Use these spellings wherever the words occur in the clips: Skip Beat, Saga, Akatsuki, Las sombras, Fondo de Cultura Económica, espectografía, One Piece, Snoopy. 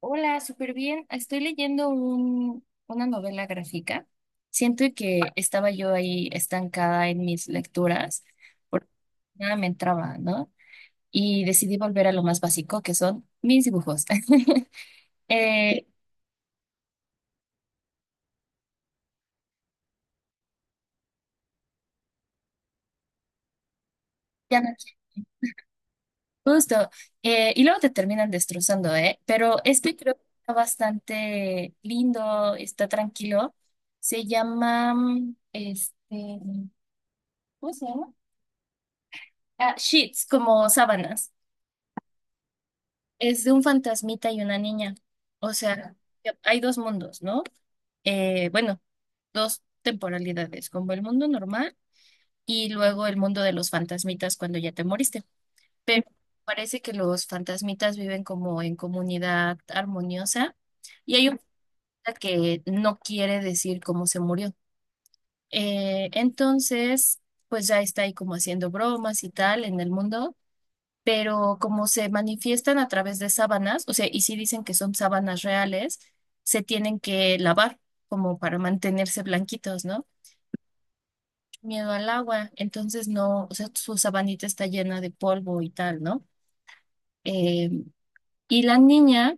Hola, súper bien. Estoy leyendo una novela gráfica. Siento que estaba yo ahí estancada en mis lecturas porque nada me entraba, ¿no? Y decidí volver a lo más básico, que son mis dibujos. Eh, ya no justo. Y luego te terminan destrozando, ¿eh? Pero este creo que está bastante lindo, está tranquilo. Se llama, este, ¿cómo se llama? Ah, sheets, como sábanas. Es de un fantasmita y una niña. O sea, que hay dos mundos, ¿no? Bueno, dos temporalidades, como el mundo normal y luego el mundo de los fantasmitas cuando ya te moriste. Pero parece que los fantasmitas viven como en comunidad armoniosa, y hay un fantasma que no quiere decir cómo se murió. Entonces, pues ya está ahí como haciendo bromas y tal en el mundo, pero como se manifiestan a través de sábanas, o sea, y sí dicen que son sábanas reales, se tienen que lavar como para mantenerse blanquitos, ¿no? Miedo al agua, entonces no, o sea, su sabanita está llena de polvo y tal, ¿no? Eh, y la niña,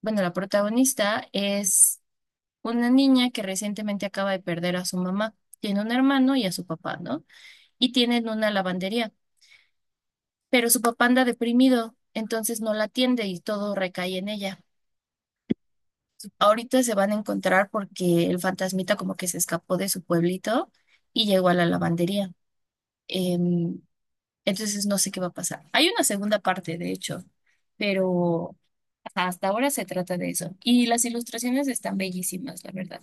bueno, la protagonista es una niña que recientemente acaba de perder a su mamá. Tiene un hermano y a su papá, ¿no? Y tienen una lavandería, pero su papá anda deprimido, entonces no la atiende y todo recae en ella. Ahorita se van a encontrar porque el fantasmita como que se escapó de su pueblito y llegó a la lavandería. Em, entonces no sé qué va a pasar. Hay una segunda parte, de hecho, pero ajá, hasta ahora se trata de eso. Y las ilustraciones están bellísimas, la verdad.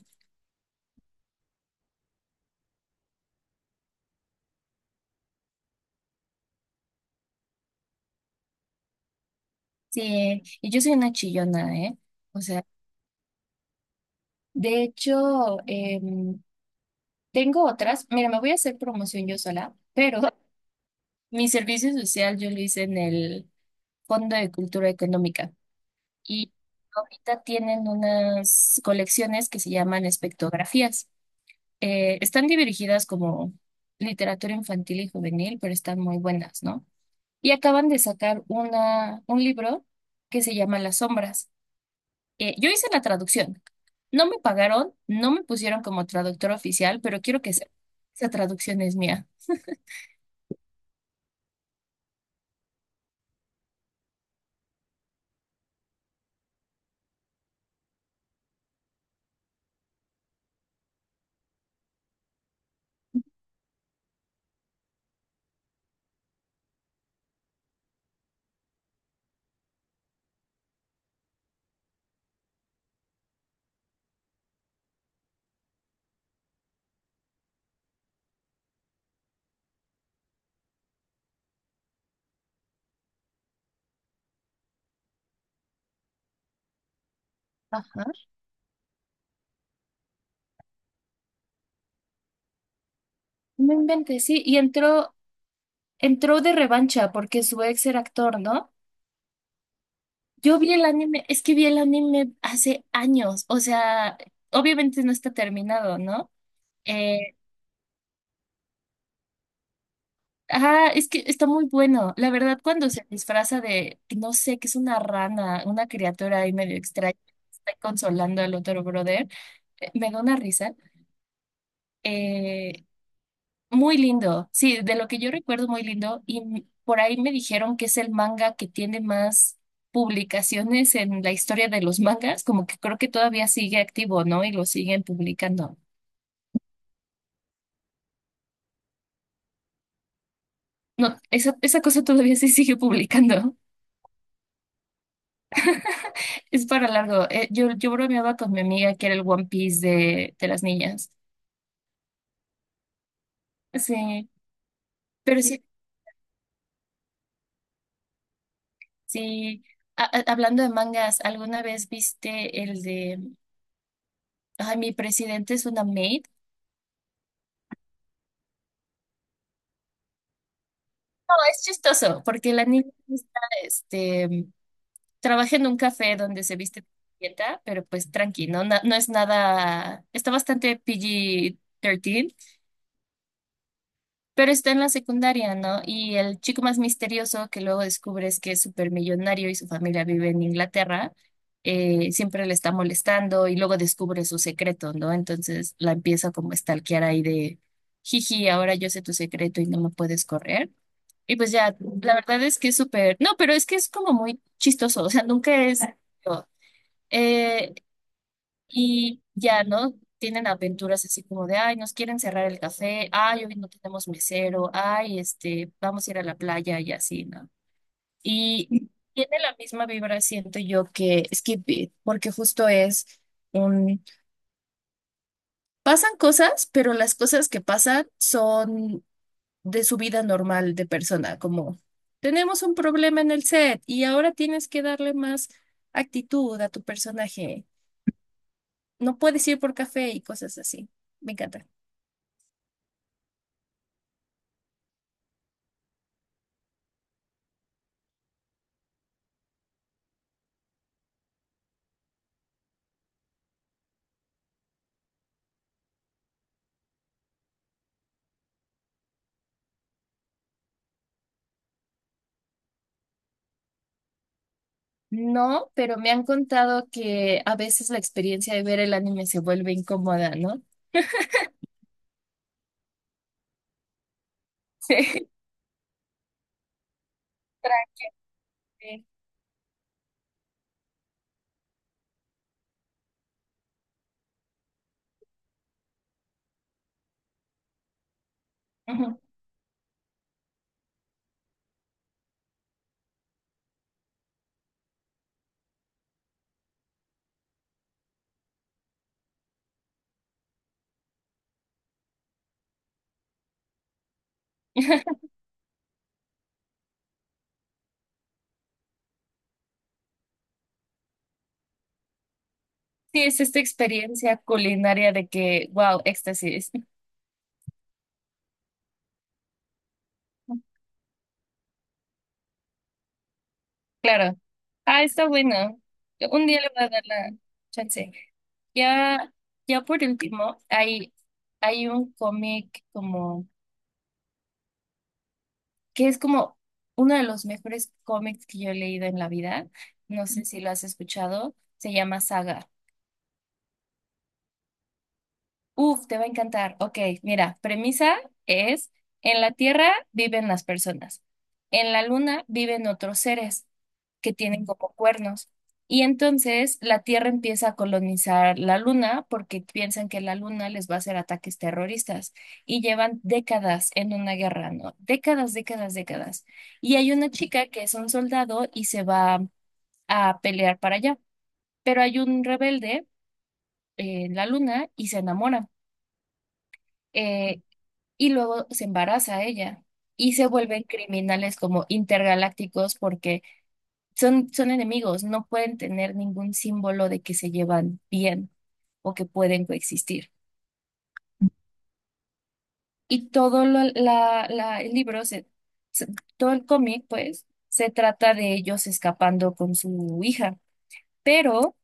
Sí, y yo soy una chillona, ¿eh? O sea, de hecho, tengo otras. Mira, me voy a hacer promoción yo sola, pero mi servicio social yo lo hice en el Fondo de Cultura Económica. Y ahorita tienen unas colecciones que se llaman espectografías. Están dirigidas como literatura infantil y juvenil, pero están muy buenas, ¿no? Y acaban de sacar un libro que se llama Las Sombras. Yo hice la traducción. No me pagaron, no me pusieron como traductor oficial, pero quiero que sepa, esa traducción es mía. Ajá. No inventes, sí. Y entró, entró de revancha porque su ex era actor, ¿no? Yo vi el anime, es que vi el anime hace años, o sea, obviamente no está terminado, ¿no? Eh, ah, es que está muy bueno. La verdad, cuando se disfraza de, no sé, que es una rana, una criatura ahí medio extraña, está consolando al otro brother, me da una risa. eh, Muy lindo, sí, de lo que yo recuerdo muy lindo y por ahí me dijeron que es el manga que tiene más publicaciones en la historia de los mangas, como que creo que todavía sigue activo, ¿no? Y lo siguen publicando. No, esa cosa todavía se sigue publicando. Es para largo. Yo bromeaba con mi amiga que era el One Piece de las niñas. Sí, pero sí, sí. Hablando de mangas, ¿alguna vez viste el de, ay, mi presidente es una maid? Es chistoso, porque la niña está, este, trabaja en un café donde se viste de dieta, pero pues tranqui, ¿no? No es nada, está bastante PG-13, pero está en la secundaria, ¿no? Y el chico más misterioso que luego descubres que es supermillonario y su familia vive en Inglaterra, siempre le está molestando y luego descubre su secreto, ¿no? Entonces la empieza como a stalkear ahí de, jiji, ahora yo sé tu secreto y no me puedes correr. Y pues ya, la verdad es que es súper, no, pero es que es como muy chistoso, o sea, nunca es... eh, y ya, ¿no? Tienen aventuras así como de, ay, nos quieren cerrar el café, ay, hoy no tenemos mesero, ay, este, vamos a ir a la playa y así, ¿no? Y tiene la misma vibra, siento yo, que Skip Beat, porque justo es un... Pasan cosas, pero las cosas que pasan son de su vida normal de persona, como tenemos un problema en el set y ahora tienes que darle más actitud a tu personaje, no puedes ir por café y cosas así. Me encanta. No, pero me han contado que a veces la experiencia de ver el anime se vuelve incómoda, ¿no? Sí. Tranqui. Ujú. Sí, es esta experiencia culinaria de que, wow, éxtasis. Claro. Ah, está bueno. Un día le voy a dar la chance. Ya, ya por último, hay un cómic como, que es como uno de los mejores cómics que yo he leído en la vida. No sé si lo has escuchado. Se llama Saga. Uf, te va a encantar. Ok, mira, premisa es, en la Tierra viven las personas, en la Luna viven otros seres que tienen como cuernos. Y entonces la Tierra empieza a colonizar la Luna porque piensan que la Luna les va a hacer ataques terroristas y llevan décadas en una guerra, ¿no? Décadas, décadas, décadas. Y hay una chica que es un soldado y se va a pelear para allá, pero hay un rebelde en la Luna y se enamora. Eh, y luego se embaraza ella y se vuelven criminales como intergalácticos porque son, son enemigos, no pueden tener ningún símbolo de que se llevan bien o que pueden coexistir. Y todo lo- la- el libro, se- todo el cómic, pues, se trata de ellos escapando con su hija, pero...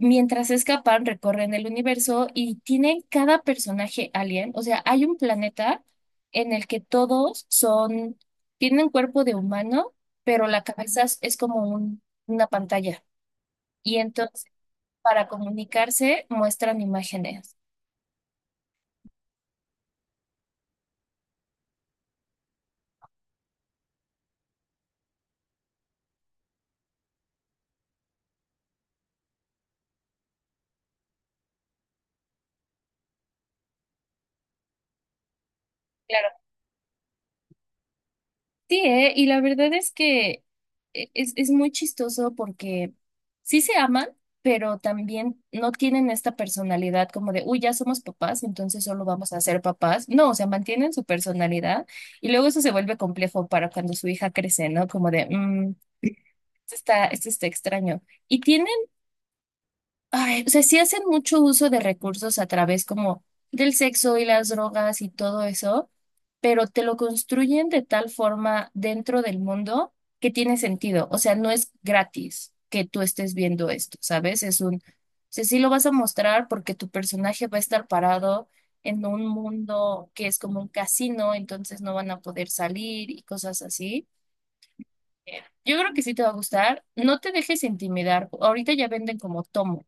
Mientras escapan, recorren el universo y tienen cada personaje alien. O sea, hay un planeta en el que todos son, tienen cuerpo de humano, pero la cabeza es como una pantalla. Y entonces, para comunicarse, muestran imágenes. Claro, sí, ¿eh? Y la verdad es que es muy chistoso porque sí se aman, pero también no tienen esta personalidad como de, uy, ya somos papás, entonces solo vamos a ser papás. No, o sea, mantienen su personalidad y luego eso se vuelve complejo para cuando su hija crece, ¿no? Como de, mmm, esto está extraño. Y tiene ay, o sea, sí hacen mucho uso de recursos a través como del sexo y las drogas y todo eso, pero te lo construyen de tal forma dentro del mundo que tiene sentido. O sea, no es gratis que tú estés viendo esto, ¿sabes? Es un, o sea, sí lo vas a mostrar porque tu personaje va a estar parado en un mundo que es como un casino, entonces no van a poder salir y cosas así. Yo creo que sí te va a gustar. No te dejes intimidar. Ahorita ya venden como tomos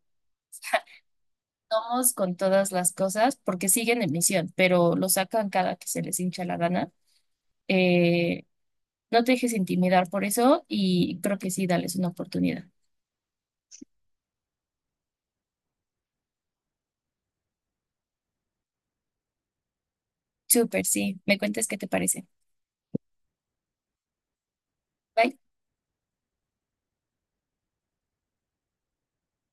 vamos con todas las cosas porque siguen en misión, pero lo sacan cada que se les hincha la gana. Eh, no te dejes intimidar por eso y creo que sí, dales una oportunidad. Súper, sí. Me cuentes qué te parece. Bye.